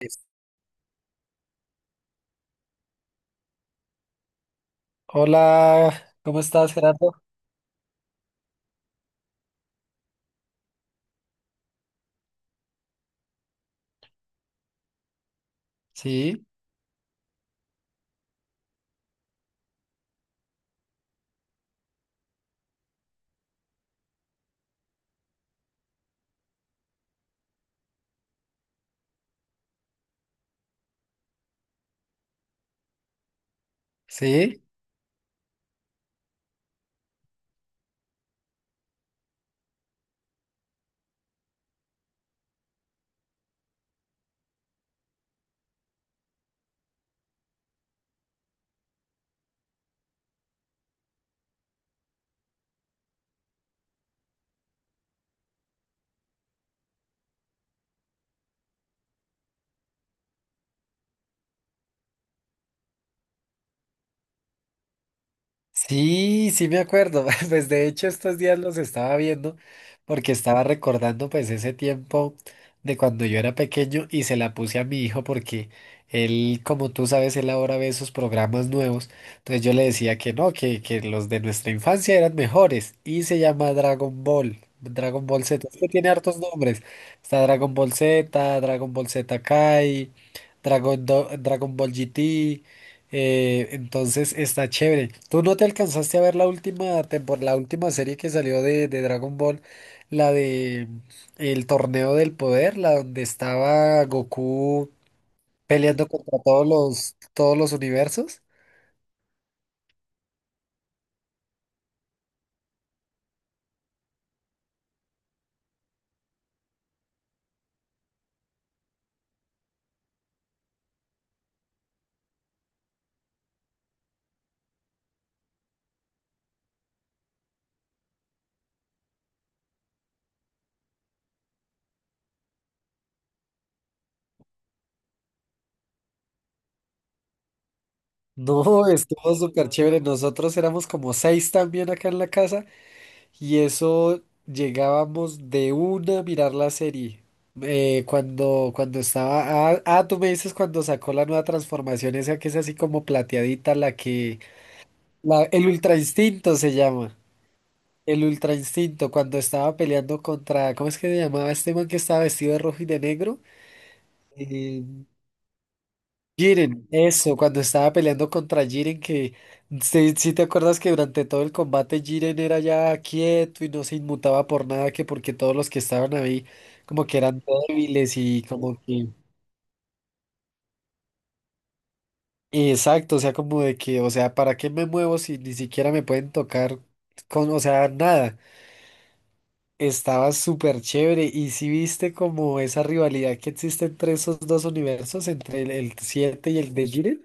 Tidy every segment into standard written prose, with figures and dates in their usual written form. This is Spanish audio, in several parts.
Listo. Hola, ¿cómo estás, Gerardo? Sí, sí, Sí, me acuerdo. Pues de hecho estos días los estaba viendo porque estaba recordando pues ese tiempo de cuando yo era pequeño y se la puse a mi hijo porque él, como tú sabes, él ahora ve esos programas nuevos. Entonces yo le decía que no, que los de nuestra infancia eran mejores y se llama Dragon Ball. Dragon Ball Z, es que tiene hartos nombres. Está Dragon Ball Z, Dragon Ball Z Kai, Dragon Ball GT. Entonces está chévere. ¿Tú no te alcanzaste a ver la última temporada la última serie que salió de Dragon Ball? La de el torneo del poder, la donde estaba Goku peleando contra todos todos los universos. No, estuvo súper chévere. Nosotros éramos como seis también acá en la casa. Y eso llegábamos de una a mirar la serie. Cuando, cuando estaba. Tú me dices cuando sacó la nueva transformación, esa que es así como plateadita, la que. La, el Ultra Instinto se llama. El Ultra Instinto, cuando estaba peleando contra. ¿Cómo es que se llamaba este man que estaba vestido de rojo y de negro? Eh, Jiren, eso, cuando estaba peleando contra Jiren, que si te acuerdas que durante todo el combate Jiren era ya quieto y no se inmutaba por nada, que porque todos los que estaban ahí como que eran débiles y como que... Exacto, o sea, como de que, o sea, ¿para qué me muevo si ni siquiera me pueden tocar con, o sea, nada? Estaba súper chévere y si viste como esa rivalidad que existe entre esos dos universos, entre el 7 y el de Jiren.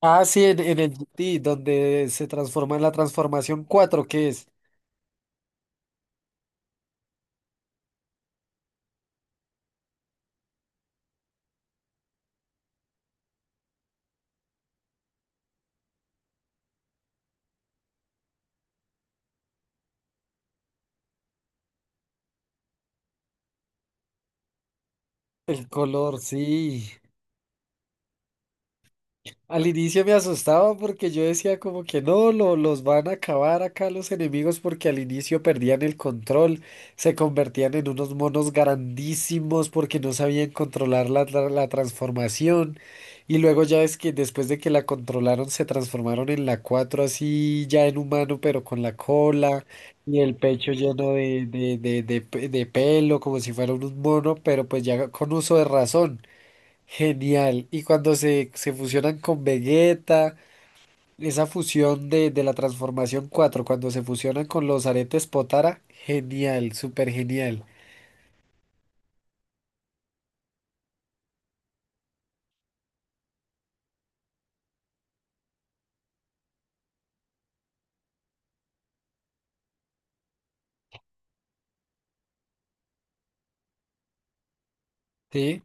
Ah, sí, en el GT, donde se transforma en la transformación 4 que es el color, sí. Al inicio me asustaba porque yo decía como que no, los van a acabar acá los enemigos porque al inicio perdían el control, se convertían en unos monos grandísimos porque no sabían controlar la transformación y luego ya es que después de que la controlaron se transformaron en la 4 así ya en humano pero con la cola y el pecho lleno de pelo como si fuera un mono pero pues ya con uso de razón. Genial. Y cuando se fusionan con Vegeta, esa fusión de la transformación 4 cuando se fusionan con los aretes Potara, genial, súper genial. Sí,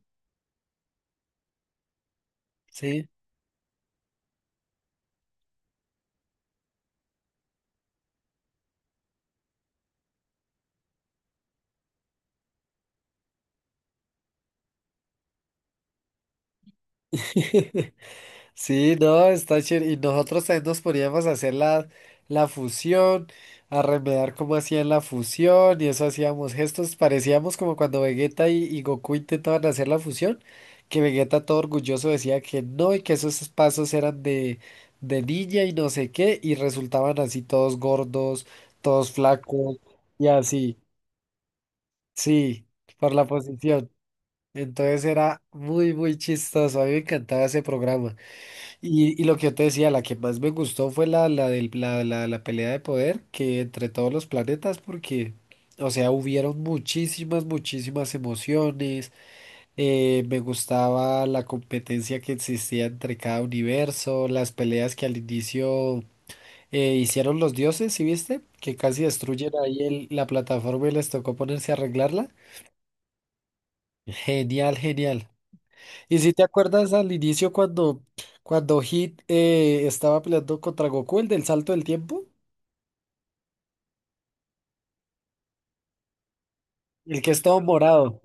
sí. Sí, no, está chévere. Y nosotros también nos poníamos a hacer la fusión, a remedar cómo hacían la fusión, y eso hacíamos gestos. Parecíamos como cuando Vegeta y Goku intentaban hacer la fusión, que Vegeta todo orgulloso decía que no y que esos pasos eran de niña y no sé qué, y resultaban así todos gordos, todos flacos, y así, sí, por la posición. Entonces era muy, muy chistoso. A mí me encantaba ese programa. Y lo que yo te decía, la que más me gustó fue la, la, del, la pelea de poder que entre todos los planetas, porque, o sea, hubieron muchísimas, muchísimas emociones. Me gustaba la competencia que existía entre cada universo, las peleas que al inicio hicieron los dioses, ¿sí viste? Que casi destruyen ahí el- la plataforma y les tocó ponerse a arreglarla. Genial, genial. Y si te acuerdas al inicio cuando Hit estaba peleando contra Goku, el del salto del tiempo, el que estaba morado,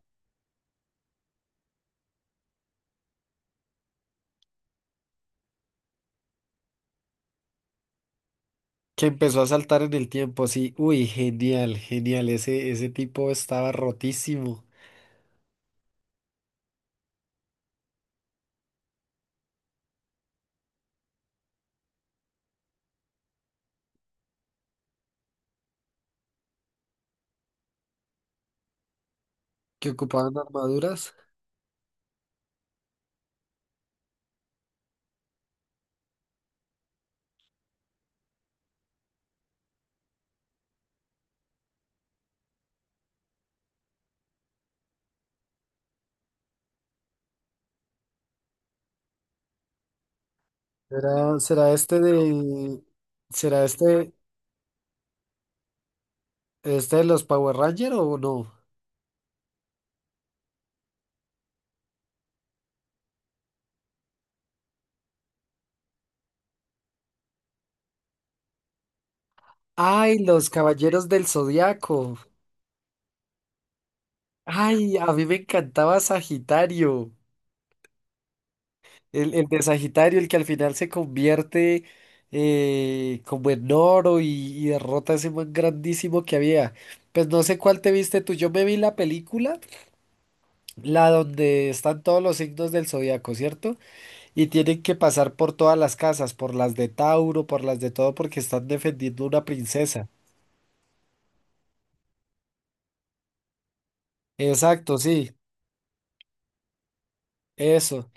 que empezó a saltar en el tiempo, sí, uy, genial, genial, ese tipo estaba rotísimo, que ocupaban armaduras. ¿Será, será este de, será este, ¿Este de los Power Rangers o no? Ay, los Caballeros del Zodiaco. Ay, a mí me encantaba Sagitario. El de Sagitario, el que al final se convierte como en oro y derrota a ese man grandísimo que había. Pues no sé cuál te viste tú. Yo me vi la película, la donde están todos los signos del zodiaco, ¿cierto? Y tienen que pasar por todas las casas, por las de Tauro, por las de todo, porque están defendiendo una princesa. Exacto, sí, eso.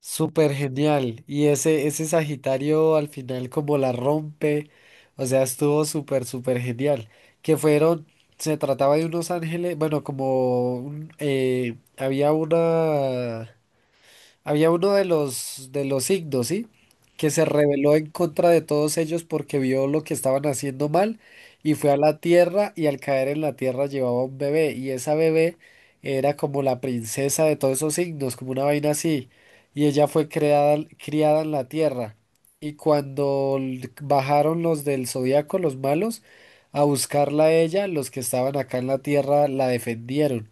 Súper genial. Ese Sagitario al final como la rompe, o sea, estuvo súper, súper genial. Que fueron, se trataba de unos ángeles, bueno, como un- había una... Había uno de los Igdos, ¿sí? Que se rebeló en contra de todos ellos porque vio lo que estaban haciendo mal y fue a la tierra y al caer en la tierra llevaba un bebé y esa bebé era como la princesa de todos esos Igdos, como una vaina así. Y ella fue creada, criada en la tierra. Y cuando l- bajaron los del zodiaco los malos, a buscarla a ella, los que estaban acá en la tierra la defendieron.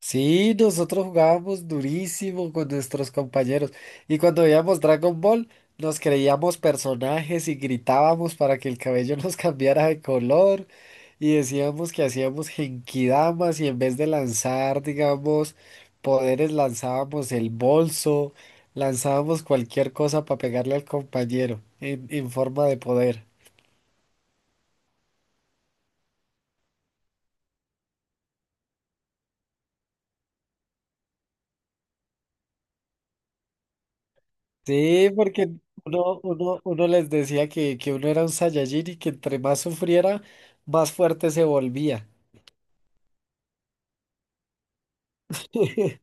Sí, nosotros jugábamos durísimo con nuestros compañeros y cuando veíamos Dragon Ball nos creíamos personajes y gritábamos para que el cabello nos cambiara de color y decíamos que hacíamos genkidamas y en vez de lanzar, digamos, poderes lanzábamos el bolso, lanzábamos cualquier cosa para pegarle al compañero en forma de poder. Sí, porque uno les decía que uno era un Saiyajin y que entre más sufriera, más fuerte se volvía.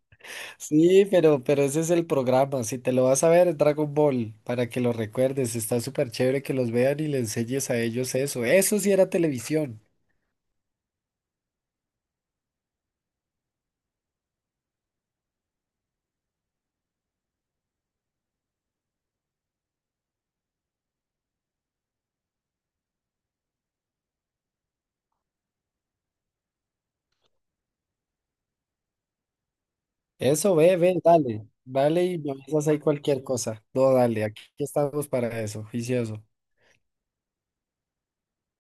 Sí, pero ese es el programa. Si te lo vas a ver, es Dragon Ball, para que lo recuerdes. Está súper chévere que los vean y le enseñes a ellos eso. Eso sí era televisión. Eso, ve, dale. Dale y me avisas ahí cualquier cosa. No, dale, aquí estamos para eso, juicioso.